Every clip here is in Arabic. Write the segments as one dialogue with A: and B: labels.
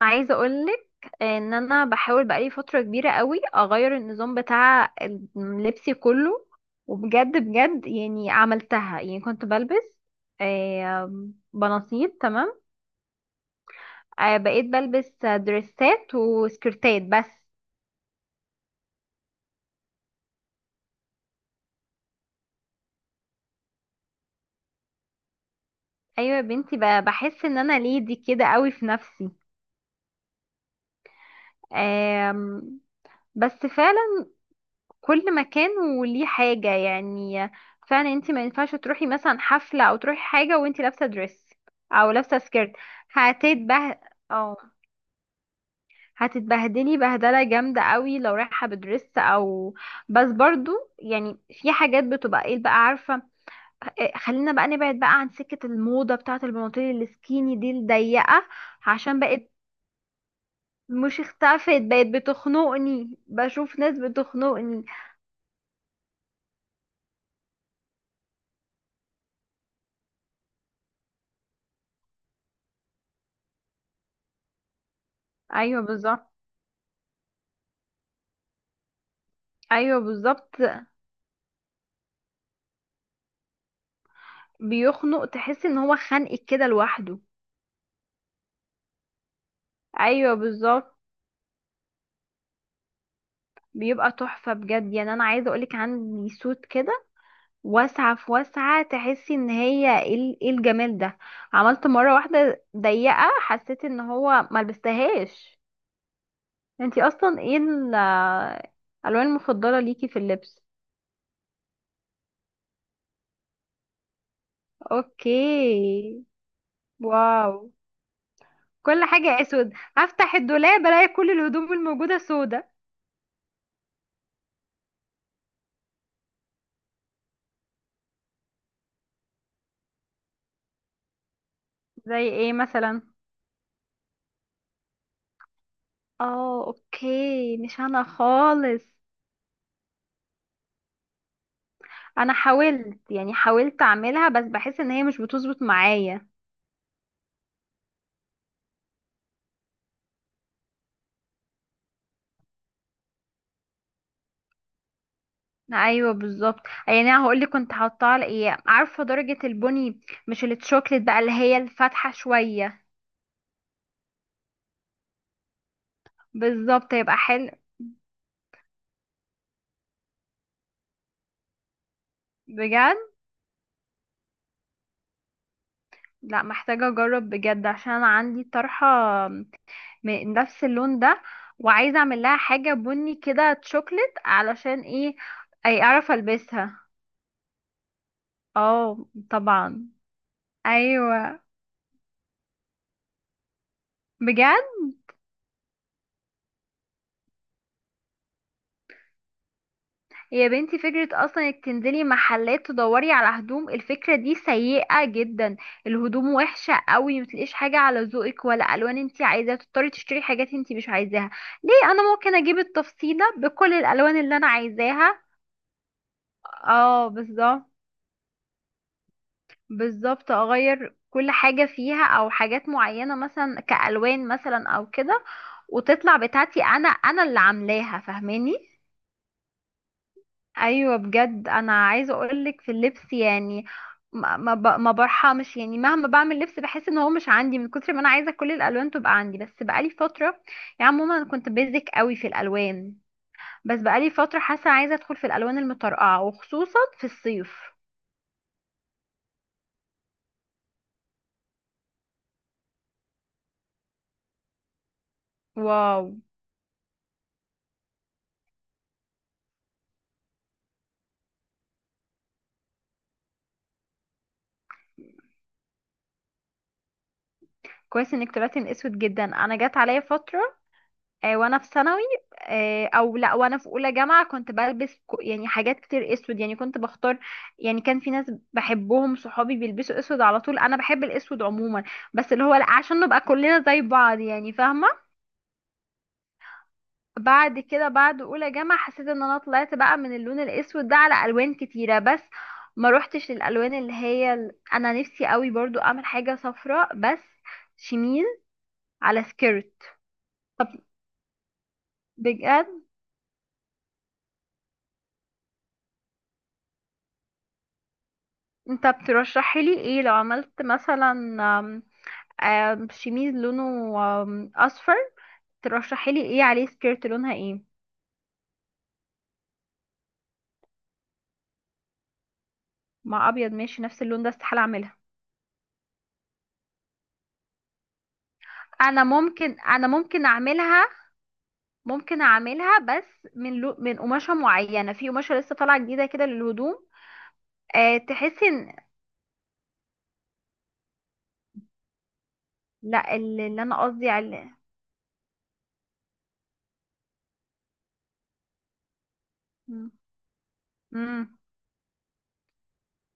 A: عايزه اقولك ان انا بحاول بقالي فتره كبيره قوي اغير النظام بتاع لبسي كله. وبجد بجد يعني عملتها، يعني كنت بلبس بناطيل. تمام. بقيت بلبس دريسات وسكرتات بس. ايوه يا بنتي، بحس ان انا ليدي كده قوي في نفسي. آم، بس كل مكان وليه حاجة يعني. فعلا انت ما ينفعش تروحي مثلا حفلة او تروحي حاجة وانت لابسة دريس او لابسة سكيرت. هتتبه او هتتبهدلي بهدلة جامدة قوي لو رايحة بدريس او. بس برضو يعني في حاجات بتبقى ايه بقى، عارفة. اه، خلينا بقى نبعد بقى عن سكة الموضة بتاعة البناطيل السكيني دي الضيقة، عشان بقت. مش اختفت، بقت بتخنقني، بشوف ناس بتخنقني. ايوه بالظبط، ايوه بالظبط. بيخنق، تحس ان هو خانقك كده لوحده. ايوه بالظبط. بيبقى تحفة بجد. يعني انا عايزة اقولك عندي سوت كده واسعة في واسعة، تحسي ان هي ايه إيه الجمال ده. عملت مرة واحدة ضيقة، حسيت ان هو ملبستهاش. انتي اصلا ايه الالوان المفضلة ليكي في اللبس؟ اوكي. واو. كل حاجة اسود، هفتح الدولاب الاقي كل الهدوم الموجودة سودة. زي ايه مثلا؟ اه اوكي، مش انا خالص. انا حاولت، يعني حاولت اعملها، بس بحس ان هي مش بتظبط معايا. ايوه بالظبط. يعني انا هقول لك كنت حاطاها على ايه، عارفه درجه البني؟ مش اللي الشوكليت بقى اللي هي الفاتحه شويه. بالظبط هيبقى حلو. بجد. لا محتاجه اجرب بجد، عشان انا عندي طرحه من نفس اللون ده، وعايزه اعمل لها حاجه بني كده شوكليت، علشان ايه. اي اعرف البسها. اه طبعا. ايوه بجد. يا بنتي فكرة أصلا إنك تنزلي محلات تدوري على هدوم الفكرة دي سيئة جدا. الهدوم وحشة قوي، متلاقيش حاجة على ذوقك ولا ألوان انتي عايزاها، تضطري تشتري حاجات انتي مش عايزاها. ليه؟ أنا ممكن أجيب التفصيلة بكل الألوان اللي أنا عايزاها. اه بالظبط. بالظبط، أغير كل حاجة فيها أو حاجات معينة مثلا كألوان مثلا أو كده. وتطلع بتاعتي أنا، أنا اللي عاملاها، فاهماني. ايوه بجد، انا عايزه اقولك في اللبس يعني ما برحمش. يعني مهما بعمل لبس بحس ان هو مش عندي، من كتر ما انا عايزه كل الالوان تبقى عندي. بس بقالي فتره يعني عموما انا كنت بيزك قوي في الالوان. بس بقالي فتره حاسه عايزه ادخل في الالوان المطرقعه، وخصوصا في الصيف. واو. كويس انك طلعتي من اسود. جدا، انا جت عليا فتره، وانا في ثانوي، او لا وانا في اولى جامعه، كنت بلبس يعني حاجات كتير اسود. يعني كنت بختار، يعني كان في ناس بحبهم صحابي بيلبسوا اسود على طول. انا بحب الاسود عموما بس اللي هو لا عشان نبقى كلنا زي بعض، يعني فاهمه. بعد كده، بعد اولى جامعه، حسيت ان انا طلعت بقى من اللون الاسود ده على الوان كتيره، بس ما روحتش للالوان اللي هي انا نفسي قوي برضو اعمل حاجه صفراء، بس شميل على سكيرت. طب بجد. انت بترشحي لي ايه لو عملت مثلا آم، آم، شميز لونه اصفر، ترشحي لي ايه عليه؟ سكيرت لونها ايه؟ مع ابيض ماشي. نفس اللون ده استحالة اعملها. انا ممكن اعملها. ممكن اعملها بس من، لو من قماشة معينة، في قماشة لسه طالعة جديدة كده للهدوم. أه تحسي ان، لا اللي، اللي انا قصدي على مم. مم.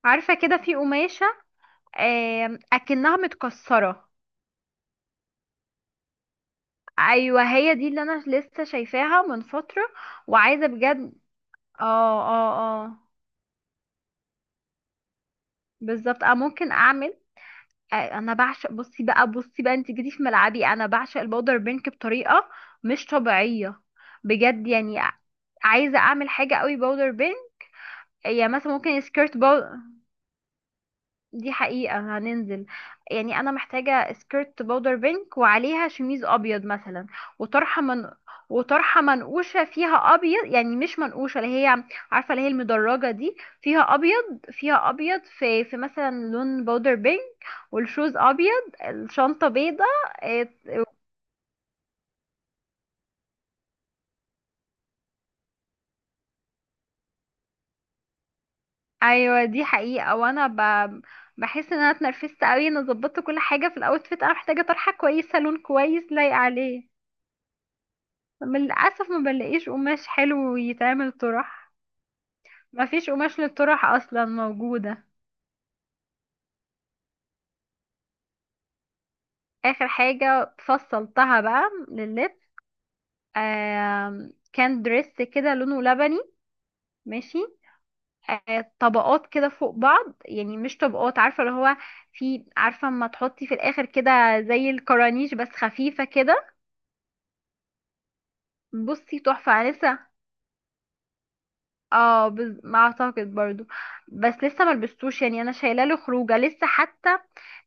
A: عارفة كده في قماشة أه اكنها متكسرة. ايوه هي دي اللي انا لسه شايفاها من فتره. وعايزه بجد، اه اه، اه بالظبط، اه ممكن اعمل. انا بعشق، بصي بقى انت جيتي في ملعبي. انا بعشق البودر بينك بطريقه مش طبيعيه بجد. يعني عايزه اعمل حاجه قوي بودر بينك، هي مثلا ممكن سكيرت. دي حقيقة هننزل. يعني أنا محتاجة سكيرت بودر بينك وعليها شميز أبيض مثلا. وطرحة من وطرحة منقوشة فيها أبيض، يعني مش منقوشة اللي هي، عارفة اللي هي المدرجة دي فيها أبيض، فيها أبيض، في مثلا لون بودر بينك، والشوز أبيض، الشنطة بيضة. إيه، أيوة دي حقيقة. بحس إن أنا اتنرفزت أوي. أنا ظبطت كل حاجة في الأوتفيت، أنا محتاجة طرحة كويسة، لون كويس لايق عليه. للأسف ما بلاقيش قماش حلو يتعمل طرح. ما فيش قماش للطرح أصلا موجودة. آخر حاجة فصلتها بقى لللب، آه كان دريس كده لونه لبني. ماشي. آه طبقات كده فوق بعض، يعني مش طبقات، عارفة اللي هو في، عارفة اما تحطي في الآخر كده زي الكرانيش بس خفيفة كده. بصي تحفة. أنا لسه، ما اعتقد برضو. بس لسه ما لبستوش، يعني انا شايله له خروجه لسه حتى،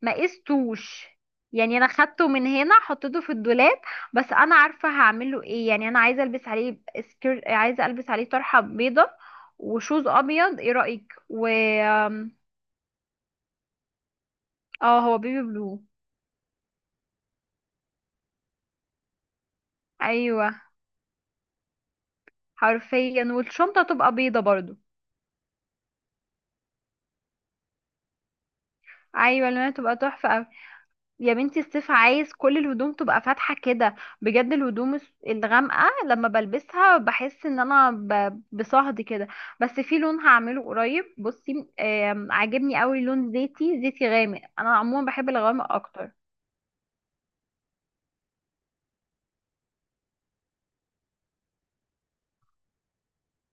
A: ما قستوش. يعني انا خدته من هنا حطيته في الدولاب، بس انا عارفه هعمل له ايه. يعني انا عايزه البس عليه سكير، عايزه البس عليه طرحه بيضه وشوز ابيض، ايه رايك؟ و اه هو بيبي بلو. ايوه حرفيا، والشنطه تبقى بيضه برضو. ايوه لونها تبقى تحفه. يا بنتي الصيف عايز كل الهدوم تبقى فاتحة كده بجد. الهدوم الغامقة لما بلبسها بحس ان انا بصهد كده. بس في لون هعمله قريب، بصي عاجبني قوي، لون زيتي، زيتي غامق، انا عموما بحب الغامق اكتر.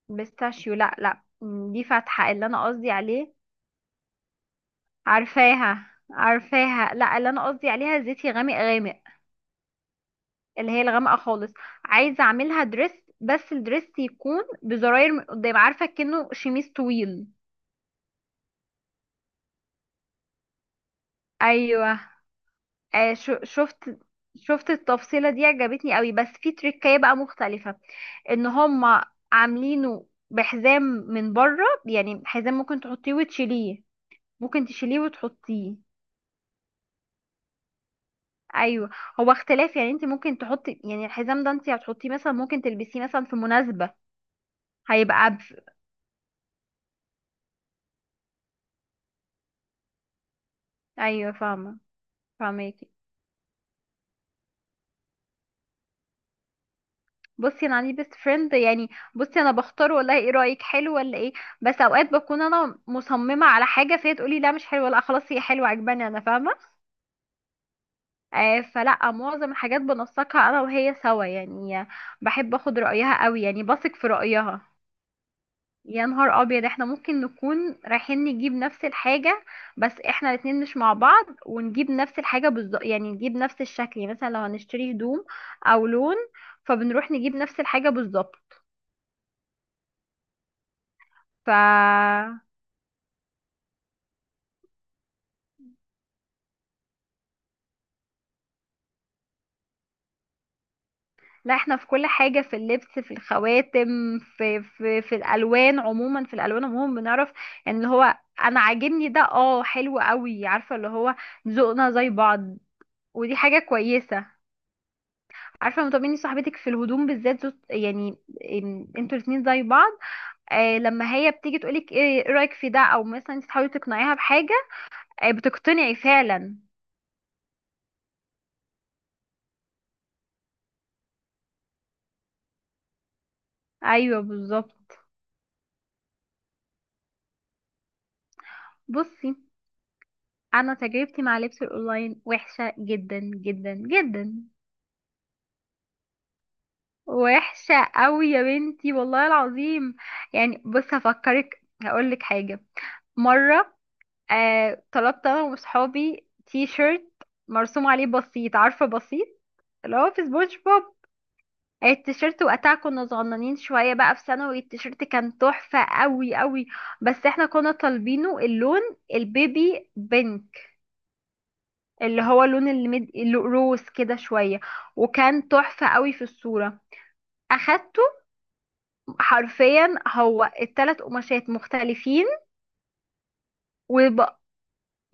A: بيستاشيو؟ لا لا دي فاتحة اللي انا قصدي عليه. عارفاها عارفاها، لا اللي انا قصدي عليها زيتي غامق غامق، اللي هي الغامقة خالص. عايزة اعملها دريس، بس الدريس يكون بزراير من قدام، عارفة كأنه شميس طويل. ايوه. آه شفت، شفت التفصيله دي عجبتني قوي، بس في تريكايه بقى مختلفه، ان هم عاملينه بحزام من بره. يعني حزام ممكن تحطيه وتشيليه، ممكن تشيليه وتحطيه. ايوه هو اختلاف. يعني انت ممكن تحطي، يعني الحزام ده انت هتحطيه مثلا، ممكن تلبسيه مثلا في مناسبه. هيبقى بف... ايوه فاهمه، فاهمك. بصي انا عندي بيست فريند يعني. بصي انا بختار، والله ايه رايك، حلو ولا ايه؟ بس اوقات بكون انا مصممه على حاجه فهي تقولي لا مش حلوه، لا خلاص هي حلوه عجباني انا فاهمه. آه فلا معظم الحاجات بنسقها انا وهي سوا يعني. بحب اخد رايها قوي، يعني بثق في رايها. يا نهار ابيض، احنا ممكن نكون رايحين نجيب نفس الحاجه. بس احنا الاتنين مش مع بعض، ونجيب نفس الحاجه بالظبط، يعني نجيب نفس الشكل، يعني مثلا لو هنشتري هدوم او لون، فبنروح نجيب نفس الحاجه بالظبط. ف لا احنا في كل حاجة، في اللبس، في الخواتم، في في الألوان عموما، في الألوان عموما بنعرف يعني اللي هو أنا عاجبني ده، اه حلو قوي، عارفة اللي هو ذوقنا زي بعض، ودي حاجة كويسة. عارفة مطمني صاحبتك في الهدوم بالذات يعني انتوا الاتنين زي بعض. آه لما هي بتيجي تقولك ايه، إيه رأيك في ده، او مثلا انت تحاولي تقنعيها بحاجة، آه بتقتنعي فعلا. ايوه بالظبط. بصي انا تجربتي مع لبس الاونلاين وحشة جدا جدا جدا. وحشة قوي يا بنتي، والله العظيم. يعني بص هفكرك هقولك حاجة. مرة آه طلبت انا وصحابي تي شيرت مرسوم عليه بسيط، عارفة بسيط، اللي هو في سبونج بوب. التيشيرت وقتها كنا صغننين شوية بقى في ثانوي، التيشيرت كان تحفة قوي قوي، بس احنا كنا طالبينه اللون البيبي بينك، اللي هو اللي روز كده شوية، وكان تحفة قوي في الصورة. اخدته، حرفيا هو التلات قماشات مختلفين. وب...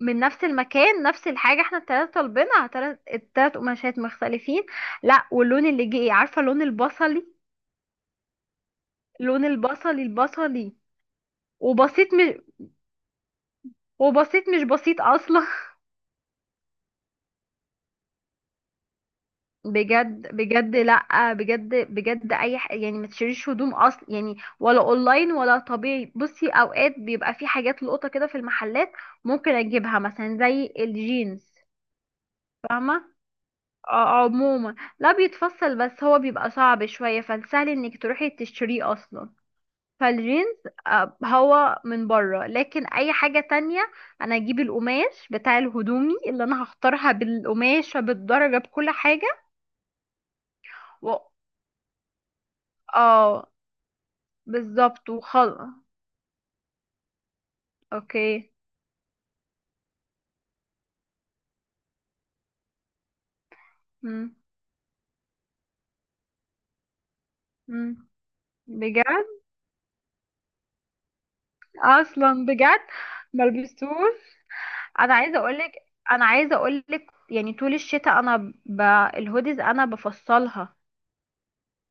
A: من نفس المكان، نفس الحاجة، احنا التلاتة طالبينها، التلات قماشات مختلفين. لا واللون اللي جه ايه، عارفة لون البصلي، لون البصلي، البصلي. وبسيط مش وبسيط مش بسيط اصلا بجد بجد، لا بجد بجد اي يعني ما تشتريش هدوم اصلا، يعني ولا اونلاين ولا طبيعي. بصي اوقات بيبقى في حاجات لقطة كده في المحلات، ممكن اجيبها مثلا زي الجينز. فاهمة. عموما لا بيتفصل بس هو بيبقى صعب شوية، فالسهل انك تروحي تشتريه اصلا. فالجينز هو من بره. لكن اي حاجة تانية انا اجيب القماش بتاع الهدومي اللي انا هختارها، بالقماش بالدرجة بكل حاجة. و... اه بالظبط وخلاص. اوكي. مم. مم. بجد اصلا بجد ملبستوش. انا عايزة اقولك انا عايزة اقولك يعني طول الشتاء انا ب... الهوديز انا بفصلها.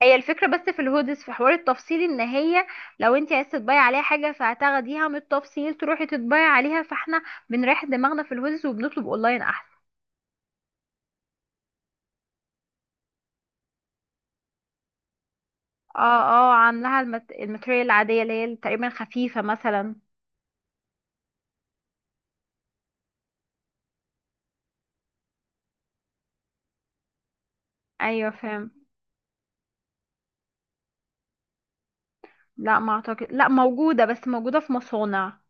A: هي الفكرة بس في الهودس في حوار التفصيل، ان هي لو انت عايزة تطبعي عليها حاجة فهتاخديها من التفصيل تروحي تطبعي عليها. فاحنا بنريح دماغنا في الهودس وبنطلب اونلاين احسن. اه اه عاملاها الماتريال العادية اللي هي تقريبا خفيفة مثلا. ايوه فاهم. لا ما اعتقد، لا موجودة بس موجودة في مصانع.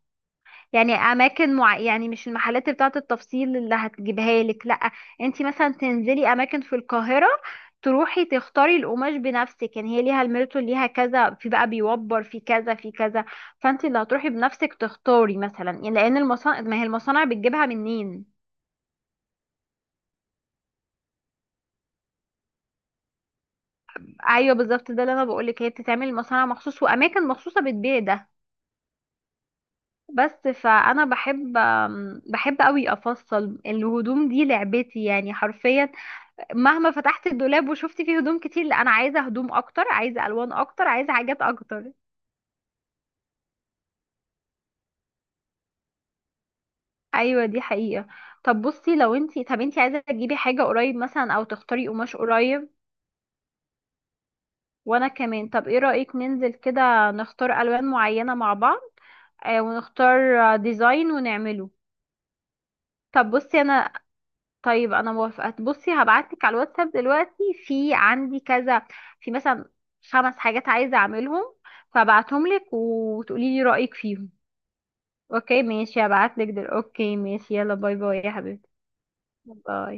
A: يعني اماكن يعني مش المحلات بتاعه التفصيل اللي هتجيبها لك، لا. انت مثلا تنزلي اماكن في القاهره، تروحي تختاري القماش بنفسك. يعني هي ليها الميرتو، ليها كذا، في بقى بيوبر، في كذا في كذا. فانت اللي هتروحي بنفسك تختاري مثلا، يعني لان المصانع، ما هي المصانع بتجيبها منين. ايوه بالظبط، ده اللي انا بقولك، هي بتتعمل مصانع مخصوص، واماكن مخصوصه بتبيع ده. بس فانا بحب قوي افصل الهدوم، دي لعبتي يعني حرفيا. مهما فتحت الدولاب وشفت فيه هدوم كتير، لا انا عايزه هدوم اكتر، عايزه الوان اكتر، عايزه حاجات اكتر. ايوه دي حقيقه. طب بصي لو انتي، طب انتي عايزه تجيبي حاجه قريب مثلا، او تختاري قماش قريب. وانا كمان. طب ايه رايك ننزل كده نختار الوان معينه مع بعض. آه ونختار ديزاين ونعمله. طب بصي انا طيب انا موافقه. بصي هبعتلك على الواتساب دلوقتي، في عندي كذا، في مثلا خمس حاجات عايزه اعملهم، فبعتهم لك وتقولي لي رايك فيهم. اوكي ماشي يلا، باي باي يا حبيبتي. باي.